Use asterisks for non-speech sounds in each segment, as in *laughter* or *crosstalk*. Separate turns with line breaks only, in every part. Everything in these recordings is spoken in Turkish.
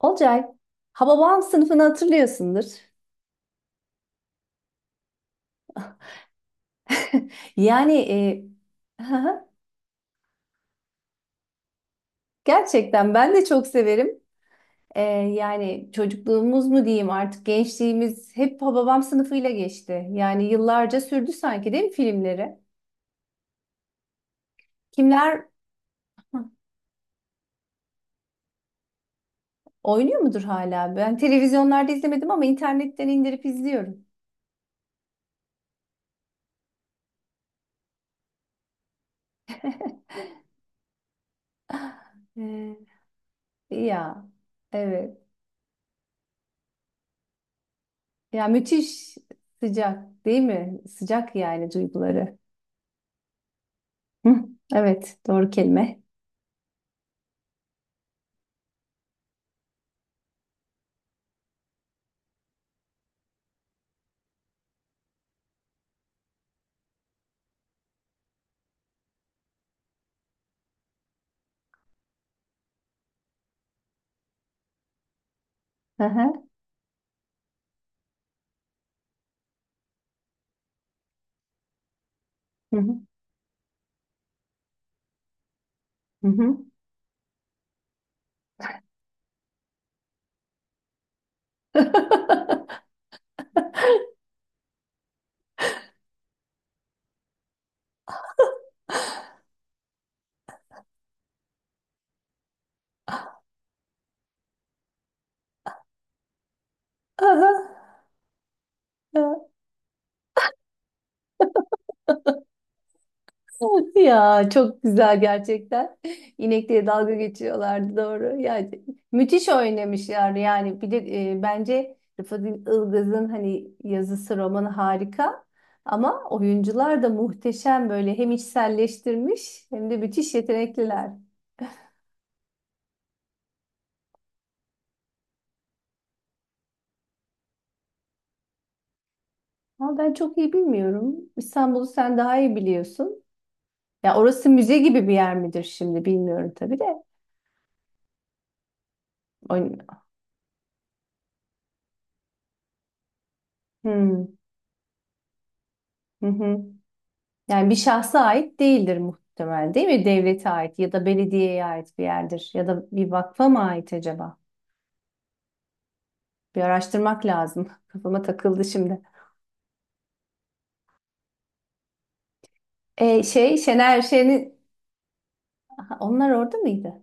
Olcay, Hababam sınıfını hatırlıyorsundur. *laughs* Yani, *laughs* gerçekten ben de çok severim. Yani çocukluğumuz mu diyeyim artık gençliğimiz hep Hababam sınıfıyla geçti. Yani yıllarca sürdü sanki değil mi filmleri? Kimler oynuyor mudur hala? Ben televizyonlarda izlemedim ama internetten indirip izliyorum. *laughs* Ya, evet. Ya müthiş sıcak değil mi? Sıcak yani duyguları. Hı, evet, doğru kelime. Hı hı, hı hı, hı hı. *laughs* Aha, ya. Ya, çok güzel gerçekten. İnekliğe dalga geçiyorlardı, doğru. Yani müthiş oynamışlar yani bir de bence Rıfat Ilgaz'ın hani yazısı romanı harika, ama oyuncular da muhteşem, böyle hem içselleştirmiş hem de müthiş yetenekliler. Ama ben çok iyi bilmiyorum. İstanbul'u sen daha iyi biliyorsun. Ya orası müze gibi bir yer midir şimdi bilmiyorum tabii de. Oyn- Hmm. Hı hı. Yani bir şahsa ait değildir muhtemelen, değil mi? Devlete ait ya da belediyeye ait bir yerdir, ya da bir vakfa mı ait acaba? Bir araştırmak lazım. *laughs* Kafama takıldı şimdi. Şey, Şener Şen'in. Aha, onlar orada mıydı?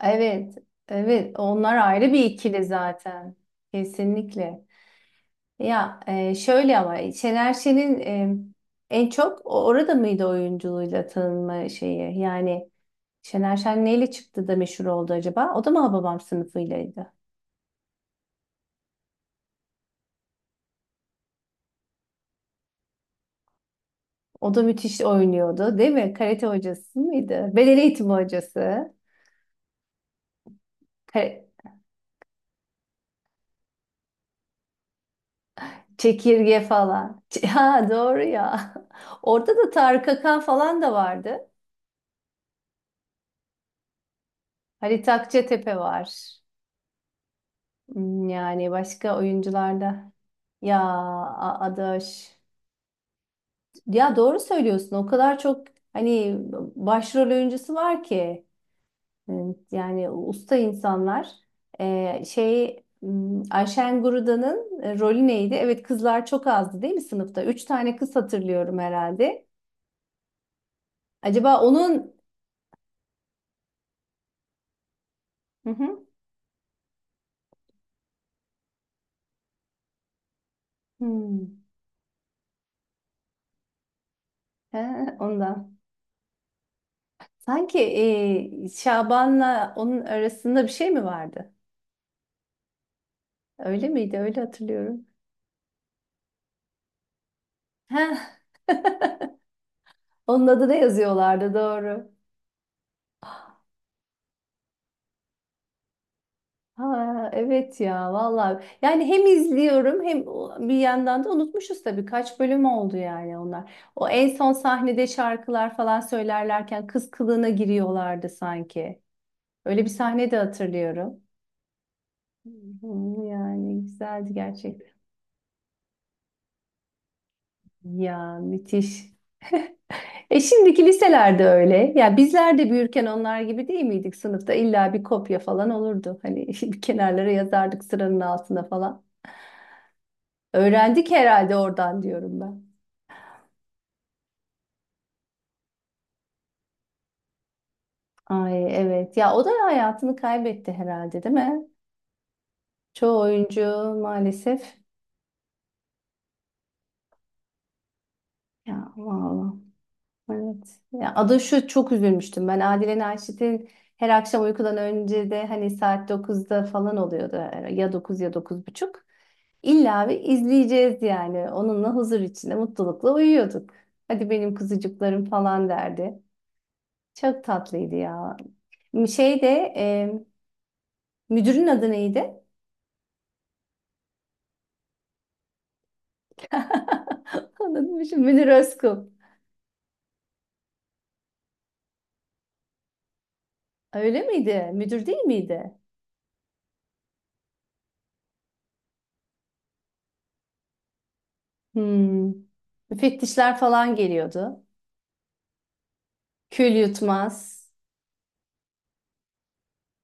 Evet. Evet, onlar ayrı bir ikili zaten. Kesinlikle. Ya şöyle, ama Şener Şen'in en çok orada mıydı oyunculuğuyla tanınma şeyi? Yani Şener Şen neyle çıktı da meşhur oldu acaba? O da mı Hababam sınıfıylaydı? O da müthiş oynuyordu, değil mi? Karate hocası mıydı? Beden eğitimi hocası. Kare- Çekirge falan. *laughs* Ha, doğru ya. *laughs* Orada da Tarık Akan falan da vardı. Halit Akçatepe var. Yani başka oyuncularda. Ya Adaş. Ya, doğru söylüyorsun. O kadar çok hani başrol oyuncusu var ki, e, yani usta insanlar. Şey, Ayşen Guruda'nın rolü neydi? Evet, kızlar çok azdı değil mi sınıfta? Üç tane kız hatırlıyorum herhalde. Acaba onun. Hı hı. Hmm. He, ondan. Sanki Şaban'la onun arasında bir şey mi vardı? Öyle miydi? Öyle hatırlıyorum. Heh, onun adını yazıyorlardı, doğru. Ha, evet ya, vallahi yani hem izliyorum, hem bir yandan da unutmuşuz tabii, kaç bölüm oldu yani onlar. O en son sahnede şarkılar falan söylerlerken kız kılığına giriyorlardı sanki. Öyle bir sahne de hatırlıyorum. Yani güzeldi gerçekten. Ya, müthiş. Şimdiki liselerde öyle. Ya, bizler de büyürken onlar gibi değil miydik sınıfta? İlla bir kopya falan olurdu. Hani *laughs* bir kenarlara yazardık, sıranın altına falan. Öğrendik herhalde oradan diyorum ben. Ay, evet. Ya o da hayatını kaybetti herhalde, değil mi? Çoğu oyuncu maalesef. Ya vallahi. Evet. Ya, adı şu, çok üzülmüştüm. Ben Adile Naşit'in her akşam uykudan önce de hani saat 9'da falan oluyordu. Ya 9 ya dokuz buçuk. İlla bir izleyeceğiz yani. Onunla huzur içinde mutlulukla uyuyorduk. Hadi benim kuzucuklarım falan derdi. Çok tatlıydı ya. Şey de e, müdürün adı neydi? *laughs* Anladım şimdi, Münir Özkul. Öyle miydi? Müdür değil miydi? Hmm. Müfettişler falan geliyordu. Kül yutmaz.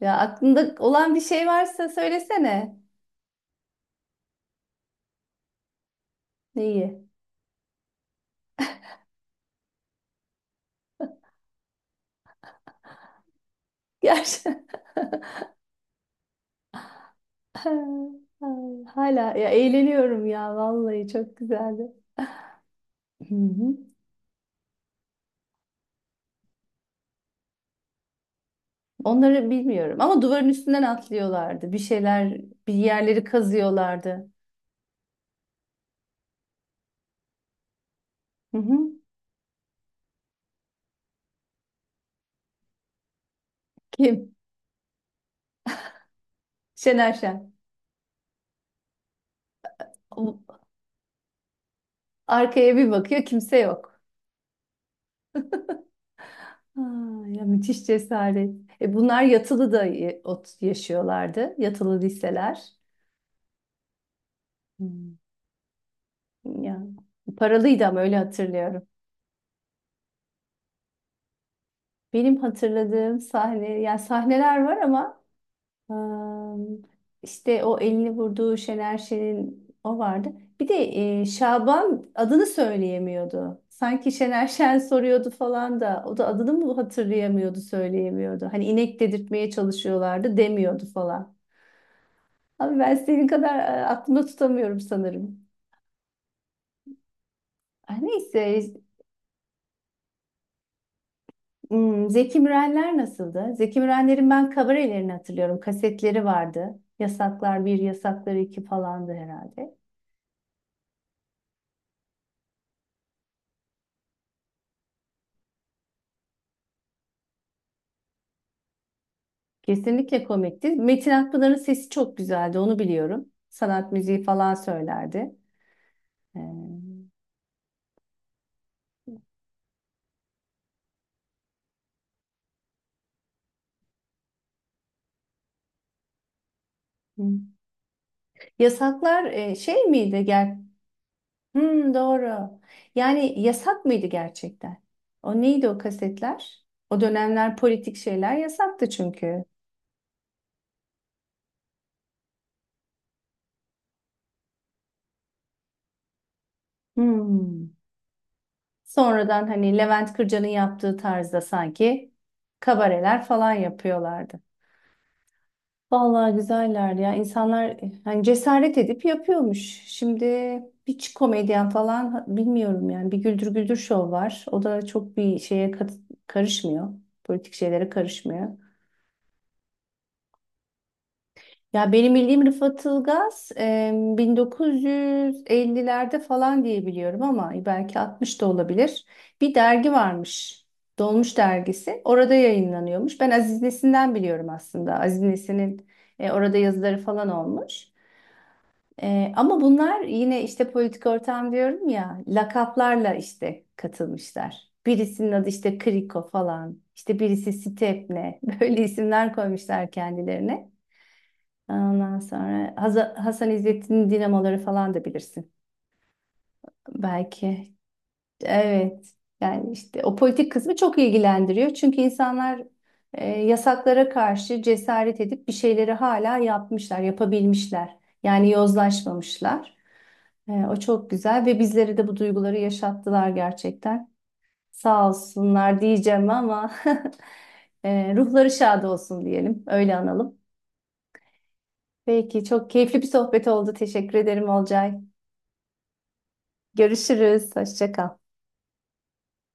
Ya, aklında olan bir şey varsa söylesene. Neyi? Gerçi *laughs* hala ya eğleniyorum, ya vallahi çok güzeldi. Hı hı. Onları bilmiyorum ama duvarın üstünden atlıyorlardı. Bir şeyler, bir yerleri kazıyorlardı. Hı hı. Kim? Şener Şen. O- Arkaya bir bakıyor, kimse yok. Aa, ya müthiş cesaret. Bunlar yatılı da yaşıyorlardı. Yatılı liseler. Hmm. Ya paralıydı ama, öyle hatırlıyorum. Benim hatırladığım sahne, yani sahneler var ama ım, işte o elini vurduğu Şener Şen'in, o vardı. Bir de Şaban adını söyleyemiyordu. Sanki Şener Şen soruyordu falan da, o da adını mı hatırlayamıyordu, söyleyemiyordu. Hani inek dedirtmeye çalışıyorlardı, demiyordu falan. Abi, ben senin kadar aklımda tutamıyorum sanırım. Ay, neyse. Zeki Mürenler nasıldı? Zeki Mürenlerin ben kabarelerini hatırlıyorum. Kasetleri vardı. Yasaklar bir, Yasaklar 2 falandı herhalde. Kesinlikle komikti. Metin Akpınar'ın sesi çok güzeldi, onu biliyorum. Sanat müziği falan söylerdi. Ee, hmm. Yasaklar şey miydi? Hmm, doğru. Yani yasak mıydı gerçekten? O neydi o kasetler? O dönemler politik şeyler yasaktı çünkü. Hmm. Sonradan hani Levent Kırca'nın yaptığı tarzda sanki kabareler falan yapıyorlardı. Vallahi güzeller ya. İnsanlar hani cesaret edip yapıyormuş. Şimdi hiç komedyen falan bilmiyorum yani. Bir Güldür Güldür show var. O da çok bir şeye karışmıyor. Politik şeylere karışmıyor. Ya benim bildiğim Rıfat Ilgaz 1950'lerde falan diye biliyorum, ama belki 60 da olabilir. Bir dergi varmış. Dolmuş dergisi. Orada yayınlanıyormuş. Ben Aziz Nesin'den biliyorum aslında. Aziz Nesin'in orada yazıları falan olmuş. Ama bunlar yine işte politik ortam diyorum ya, lakaplarla işte katılmışlar. Birisinin adı işte Kriko falan. İşte birisi Stepne. *laughs* Böyle isimler koymuşlar kendilerine. Ondan sonra Hasan İzzettin'in dinamoları falan da bilirsin. Belki. Evet. Yani işte o politik kısmı çok ilgilendiriyor. Çünkü insanlar yasaklara karşı cesaret edip bir şeyleri hala yapmışlar, yapabilmişler. Yani yozlaşmamışlar. O çok güzel, ve bizlere de bu duyguları yaşattılar gerçekten. Sağ olsunlar diyeceğim, ama *laughs* ruhları şad olsun diyelim. Öyle analım. Peki, çok keyifli bir sohbet oldu. Teşekkür ederim Olcay. Görüşürüz. Hoşça kal.